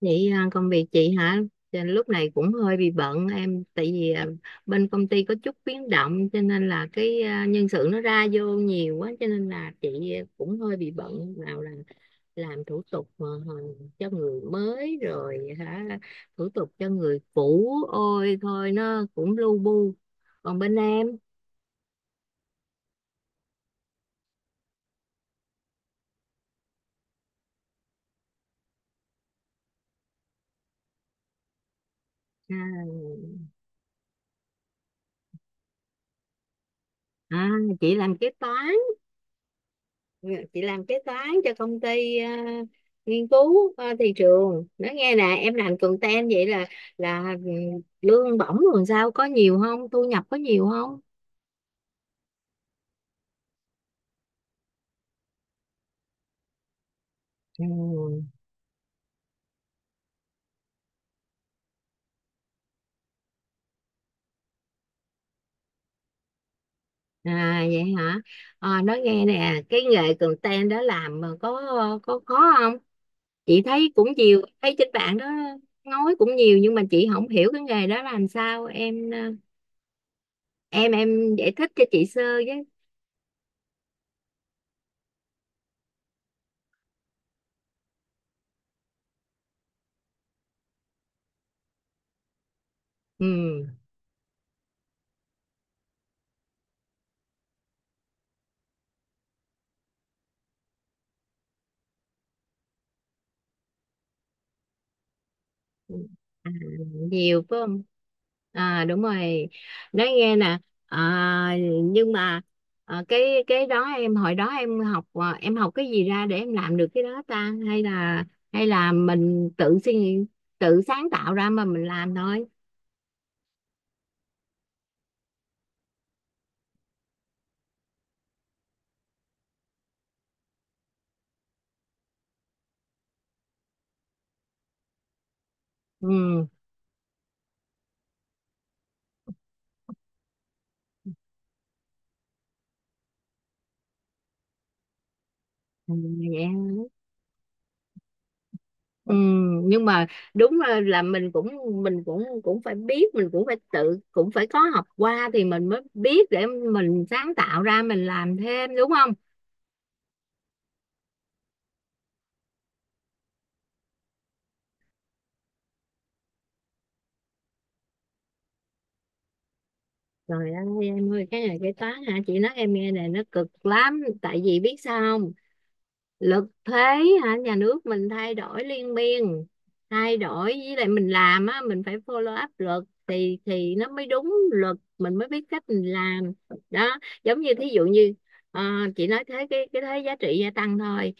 Vậy à, công việc chị hả? Cho nên lúc này cũng hơi bị bận em, tại vì bên công ty có chút biến động cho nên là nhân sự nó ra vô nhiều quá cho nên là chị cũng hơi bị bận, nào là làm thủ tục mà cho người mới rồi hả, thủ tục cho người cũ, ôi thôi nó cũng lu bu. Còn bên em? À, à, chị làm kế toán, chị làm kế toán cho công ty nghiên cứu thị trường. Nói nghe nè, em làm content vậy là lương bổng rồi sao, có nhiều không, thu nhập có nhiều không? Ừ. À vậy hả? À, nói nghe nè, cái nghề content đó làm mà có khó không? Chị thấy cũng nhiều, thấy trên bạn đó nói cũng nhiều, nhưng mà chị không hiểu cái nghề đó làm sao, em em giải thích cho chị sơ với. Ừ. À, nhiều phải không? À đúng rồi. Nói nghe nè. À, nhưng mà cái đó em hồi đó em học, em học cái gì ra để em làm được cái đó ta, hay là mình tự suy nghĩ, tự sáng tạo ra mà mình làm thôi. Ừ. Ừ, vậy ha. Ừ, nhưng mà đúng là mình cũng cũng phải biết, mình cũng phải tự, cũng phải có học qua thì mình mới biết để mình sáng tạo ra mình làm thêm, đúng không? Trời ơi em ơi, cái này cái toán hả, chị nói em nghe này, nó cực lắm, tại vì biết sao không, lực thuế hả, nhà nước mình thay đổi liên miên, thay đổi với lại mình làm á, mình phải follow up luật thì nó mới đúng luật, mình mới biết cách mình làm đó. Giống như thí dụ như ờ, chị nói thế cái thuế giá trị gia tăng thôi,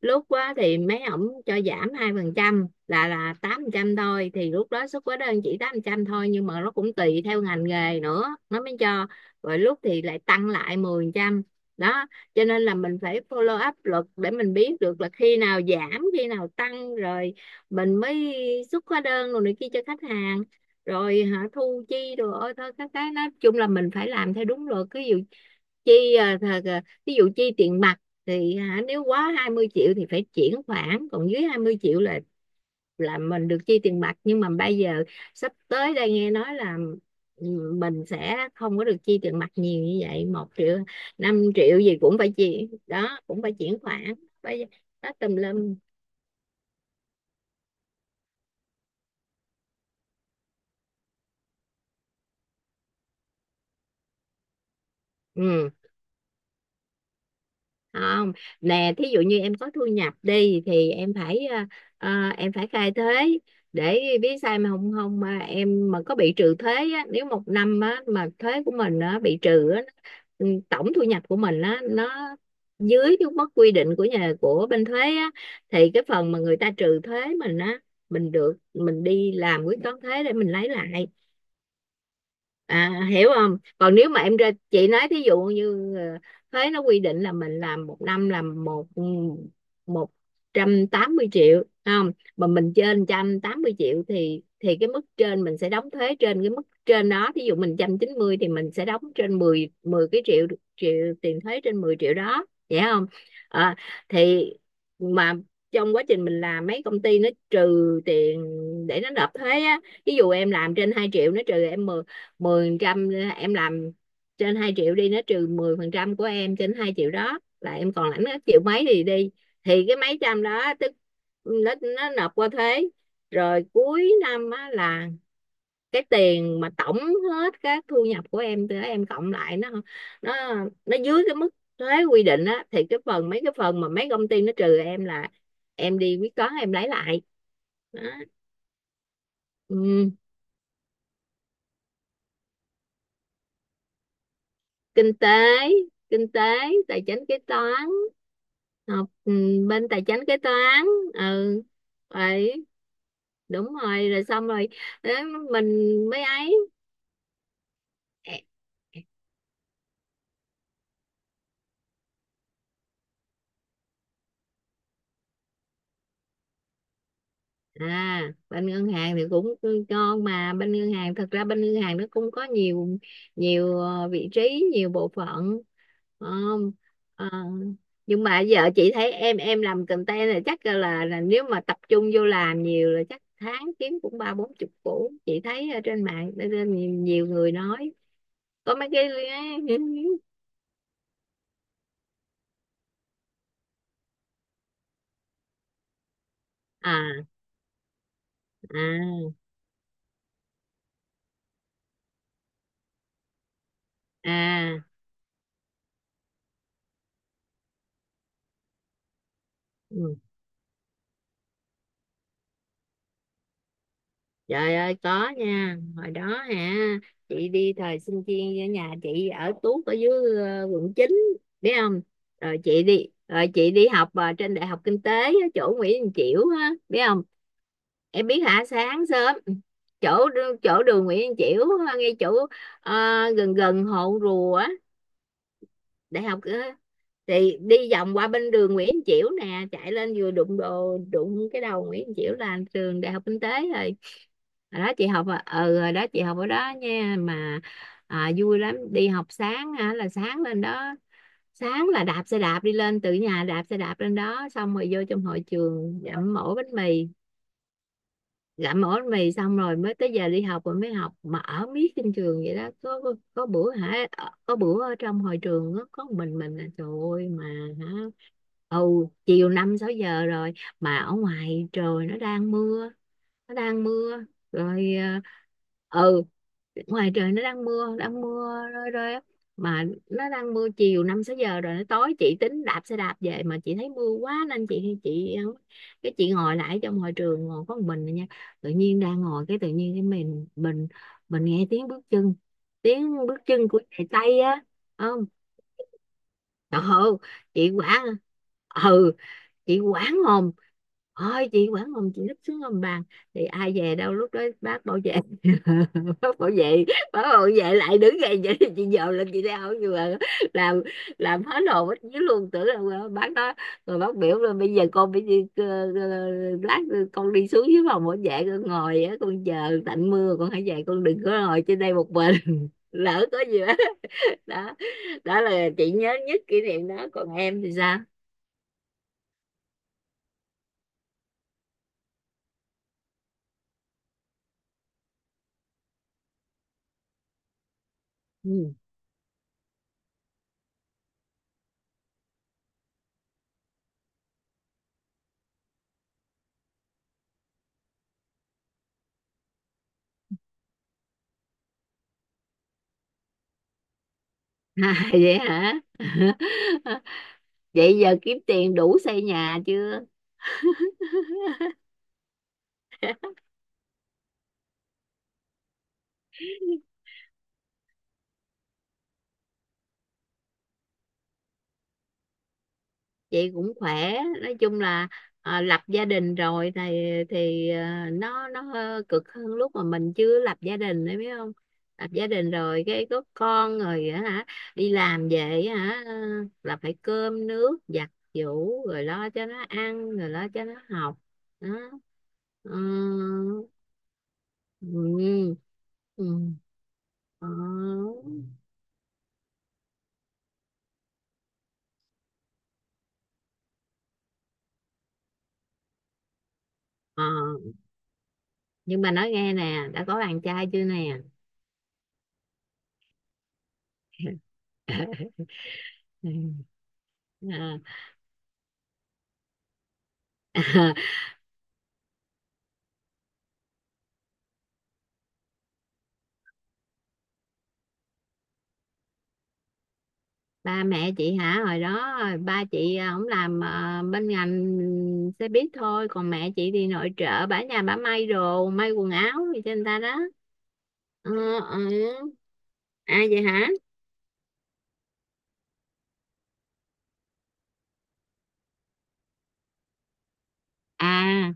lúc á thì mấy ổng cho giảm 2%, là 8% thôi, thì lúc đó xuất hóa đơn chỉ 8% thôi, nhưng mà nó cũng tùy theo ngành nghề nữa nó mới cho, rồi lúc thì lại tăng lại 10% đó. Cho nên là mình phải follow up luật để mình biết được là khi nào giảm khi nào tăng, rồi mình mới xuất hóa đơn rồi này kia cho khách hàng, rồi hả thu chi rồi ôi thôi các cái, nói chung là mình phải làm theo đúng luật. Ví dụ chi à, thà- à, ví dụ chi tiền mặt thì hả, nếu quá 20 triệu thì phải chuyển khoản, còn dưới 20 triệu là mình được chi tiền mặt. Nhưng mà bây giờ sắp tới đây nghe nói là mình sẽ không có được chi tiền mặt nhiều như vậy, một triệu năm triệu gì cũng phải chi đó cũng phải chuyển khoản, phải đó tùm lum. Ừ, không. Nè thí dụ như em có thu nhập đi thì em phải em phải khai thuế để biết, sai mà không, không mà em mà có bị trừ thuế á, nếu một năm á, mà thuế của mình á, bị trừ á, tổng thu nhập của mình á, nó dưới cái mức quy định của nhà, của bên thuế á, thì cái phần mà người ta trừ thuế mình á, mình được mình đi làm quyết toán thuế để mình lấy lại. À, hiểu không? Còn nếu mà em ra, chị nói thí dụ như thuế nó quy định là mình làm một năm làm một 180 triệu phải không, mà mình trên 180 triệu thì cái mức trên mình sẽ đóng thuế trên cái mức trên đó. Thí dụ mình 190 triệu thì mình sẽ đóng trên mười, cái triệu triệu tiền thuế, trên 10 triệu đó, hiểu không? Ờ, thì mà trong quá trình mình làm, mấy công ty nó trừ tiền để nó nộp thuế á. Ví dụ em làm trên 2 triệu nó trừ em mười 10%, em làm trên 2 triệu đi, nó trừ 10% của em trên 2 triệu đó, là em còn lãnh hết triệu mấy thì đi, thì cái mấy trăm đó tức nó nộp qua thuế. Rồi cuối năm á, là cái tiền mà tổng hết các thu nhập của em, từ em cộng lại nó nó nó dưới cái mức thuế quy định á, thì cái phần, mấy cái phần mà mấy công ty nó trừ em là em đi quyết toán em lấy lại đó. Ừ. Kinh tế, kinh tế tài chính kế toán, học bên tài chính kế toán. Ừ vậy, đúng rồi, rồi xong rồi, để mình mới ấy. À bên ngân hàng thì cũng ngon mà, bên ngân hàng thật ra bên ngân hàng nó cũng có nhiều, nhiều vị trí, nhiều bộ phận. Ờ, ờ, nhưng mà giờ chị thấy em làm content là chắc là nếu mà tập trung vô làm nhiều là chắc tháng kiếm cũng ba bốn chục củ, chị thấy ở trên mạng, ở trên nhiều, nhiều người nói có mấy cái. À à à. Ừ. Trời ơi có nha. Hồi đó hả, chị đi thời sinh viên ở nhà chị ở tuốt ở dưới quận chín, biết không? Rồi chị đi, rồi chị đi học trên Đại học Kinh tế ở chỗ Nguyễn Đình Chiểu á, biết không? Em biết hả, sáng sớm ừ, chỗ chỗ đường Nguyễn Đình Chiểu, ngay chỗ ờ, gần gần Hồ Rùa á. Đại học thì đi vòng qua bên đường Nguyễn Chiểu nè, chạy lên vừa đụng đồ đụng cái đầu Nguyễn Chiểu là trường đại học kinh tế rồi. Hồi đó chị học ở hồi đó chị học ở đó nha mà, à, vui lắm, đi học sáng hả là sáng lên đó, sáng là đạp xe đạp đi lên, từ nhà đạp xe đạp lên đó, xong rồi vô trong hội trường dặm mổ bánh mì, gặm ổ mì xong rồi mới tới giờ đi học, rồi mới học mà ở miết trên trường vậy đó. Có có bữa hả có bữa ở trong hội trường có mình là trời ơi, mà hả ồ chiều năm sáu giờ rồi mà ở ngoài trời nó đang mưa, nó đang mưa rồi ừ ngoài trời nó đang mưa, đang mưa rơi rơi á, mà nó đang mưa, chiều năm sáu giờ rồi nó tối, chị tính đạp xe đạp về mà chị thấy mưa quá nên chị cái chị ngồi lại trong hội trường, ngồi có một mình rồi nha. Tự nhiên đang ngồi cái tự nhiên cái mình mình nghe tiếng bước chân, tiếng bước chân của chạy Tây á. Không, trời ơi, chị quả ừ, chị quản hồn, ôi chị quản hồn, chị lấp xuống hầm bàn thì ai về đâu, lúc đó bác bảo vệ. Bác bảo vệ, bác bảo vệ lại đứng dậy, vậy thì chị dòm lên chị đeo, nhưng mà làm làm hết hồn hết vía luôn, tưởng là bác đó. Rồi bác biểu là bây giờ con phải đi ờ, lát con đi xuống dưới phòng bảo vệ con ngồi á, con chờ tạnh mưa con hãy về, con đừng có ngồi trên đây một mình. Lỡ có gì đó. Đó, đó là chị nhớ nhất kỷ niệm đó, còn em thì sao? Ừ. À, vậy hả? Vậy giờ kiếm tiền đủ xây nhà chưa? Vậy cũng khỏe. Nói chung là à, lập gia đình rồi thì nó hơi cực hơn lúc mà mình chưa lập gia đình đấy, biết không? Lập gia đình rồi cái có con rồi á hả? Đi làm về á hả là phải cơm nước giặt giũ, rồi lo cho nó ăn, rồi lo cho nó học. Đó. Ờ. Ừ. Ừ. Ừ. Ờ. Ờ. Nhưng mà nói nghe nè, đã có bạn trai chưa nè. À, ba mẹ chị hả, hồi đó ba chị ổng làm bên ngành xe buýt thôi, còn mẹ chị thì nội trợ, bả nhà bả may đồ, may quần áo gì cho người ta đó. Ờ, ờ. À vậy hả? À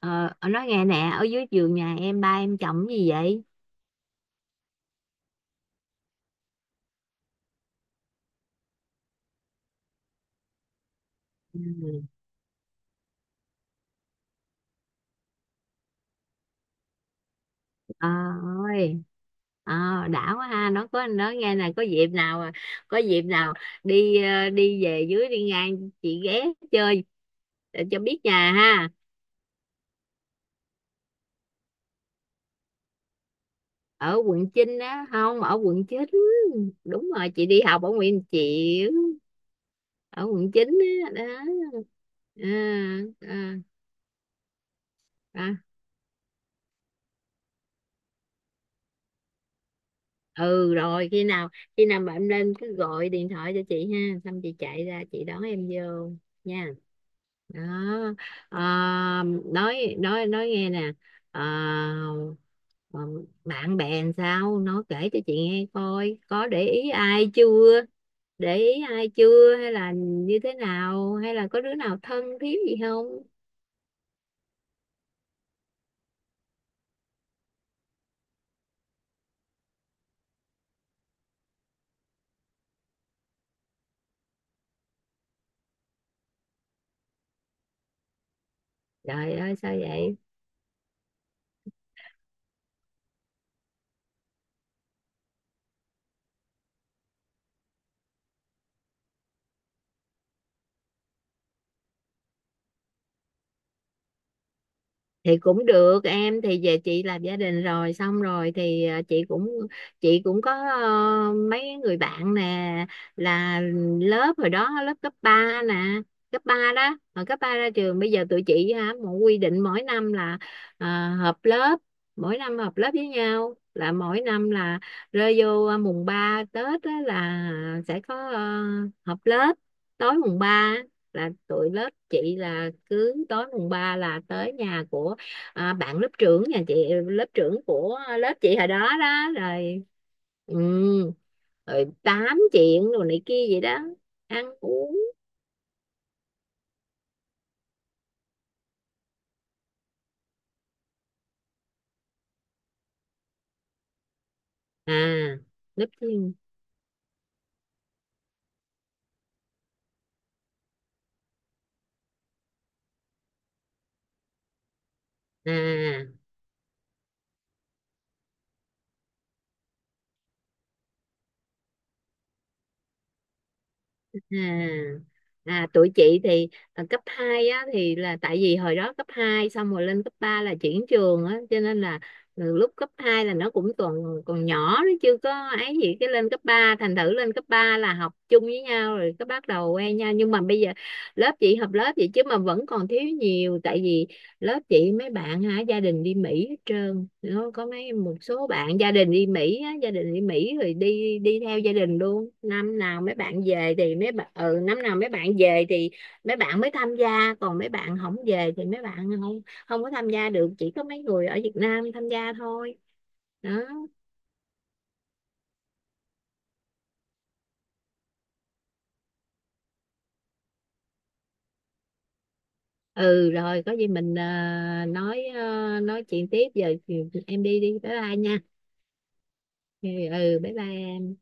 ờ, nói nghe nè, ở dưới giường nhà em, ba em chồng gì vậy? Ừ. Ờ ơi. Ờ đã quá ha, nó có nó nghe là có dịp nào, có dịp nào đi đi về dưới đi ngang chị ghé chơi, để cho biết nhà ha. Ở quận Chinh á, không, ở quận Chín. Đúng rồi, chị đi học ở Nguyễn Chiểu, ở quận Chín á đó. À, à, à. Ừ rồi khi nào, khi nào mà em lên cứ gọi điện thoại cho chị ha, xong chị chạy ra chị đón em vô nha. Đó. À, nói nghe nè, à, ờ, bạn bè làm sao nó kể cho chị nghe coi, có để ý ai chưa, để ý ai chưa, hay là như thế nào, hay là có đứa nào thân thiết gì không? Trời ơi sao vậy? Thì cũng được, em thì về chị lập gia đình rồi xong rồi thì chị cũng có mấy người bạn nè, là lớp hồi đó lớp cấp 3 nè, cấp 3 đó hồi cấp 3 ra trường bây giờ tụi chị hả một quy định mỗi năm là ờ, họp lớp, mỗi năm họp lớp với nhau, là mỗi năm là rơi vô mùng 3 Tết á, là sẽ có họp lớp tối mùng 3, là tụi lớp chị là cứ tối mùng 3 là tới nhà của bạn lớp trưởng, nhà chị lớp trưởng của lớp chị hồi đó đó rồi. Ừ. Rồi tám chuyện rồi này kia vậy đó, ăn uống. À lớp thiên. À. À, à tụi chị thì à, cấp 2 á thì là tại vì hồi đó cấp 2 xong rồi lên cấp 3 là chuyển trường á, cho nên là từ lúc cấp 2 là nó cũng còn còn nhỏ, nó chưa có ấy gì, cái lên cấp 3 thành thử lên cấp 3 là học chung với nhau rồi, cái bắt đầu quen nhau. Nhưng mà bây giờ lớp chị học lớp vậy chứ mà vẫn còn thiếu nhiều, tại vì lớp chị mấy bạn hả gia đình đi Mỹ hết trơn. Nó có mấy, một số bạn gia đình đi Mỹ á, gia đình đi Mỹ rồi đi đi theo gia đình luôn, năm nào mấy bạn về thì mấy bạn ừ, năm nào mấy bạn về thì mấy bạn mới tham gia, còn mấy bạn không về thì mấy bạn không không có tham gia được, chỉ có mấy người ở Việt Nam tham gia thôi. Đó. Ừ rồi có gì mình nói chuyện tiếp, giờ thì em đi đi, bye bye nha. Ừ ừ, bye bye.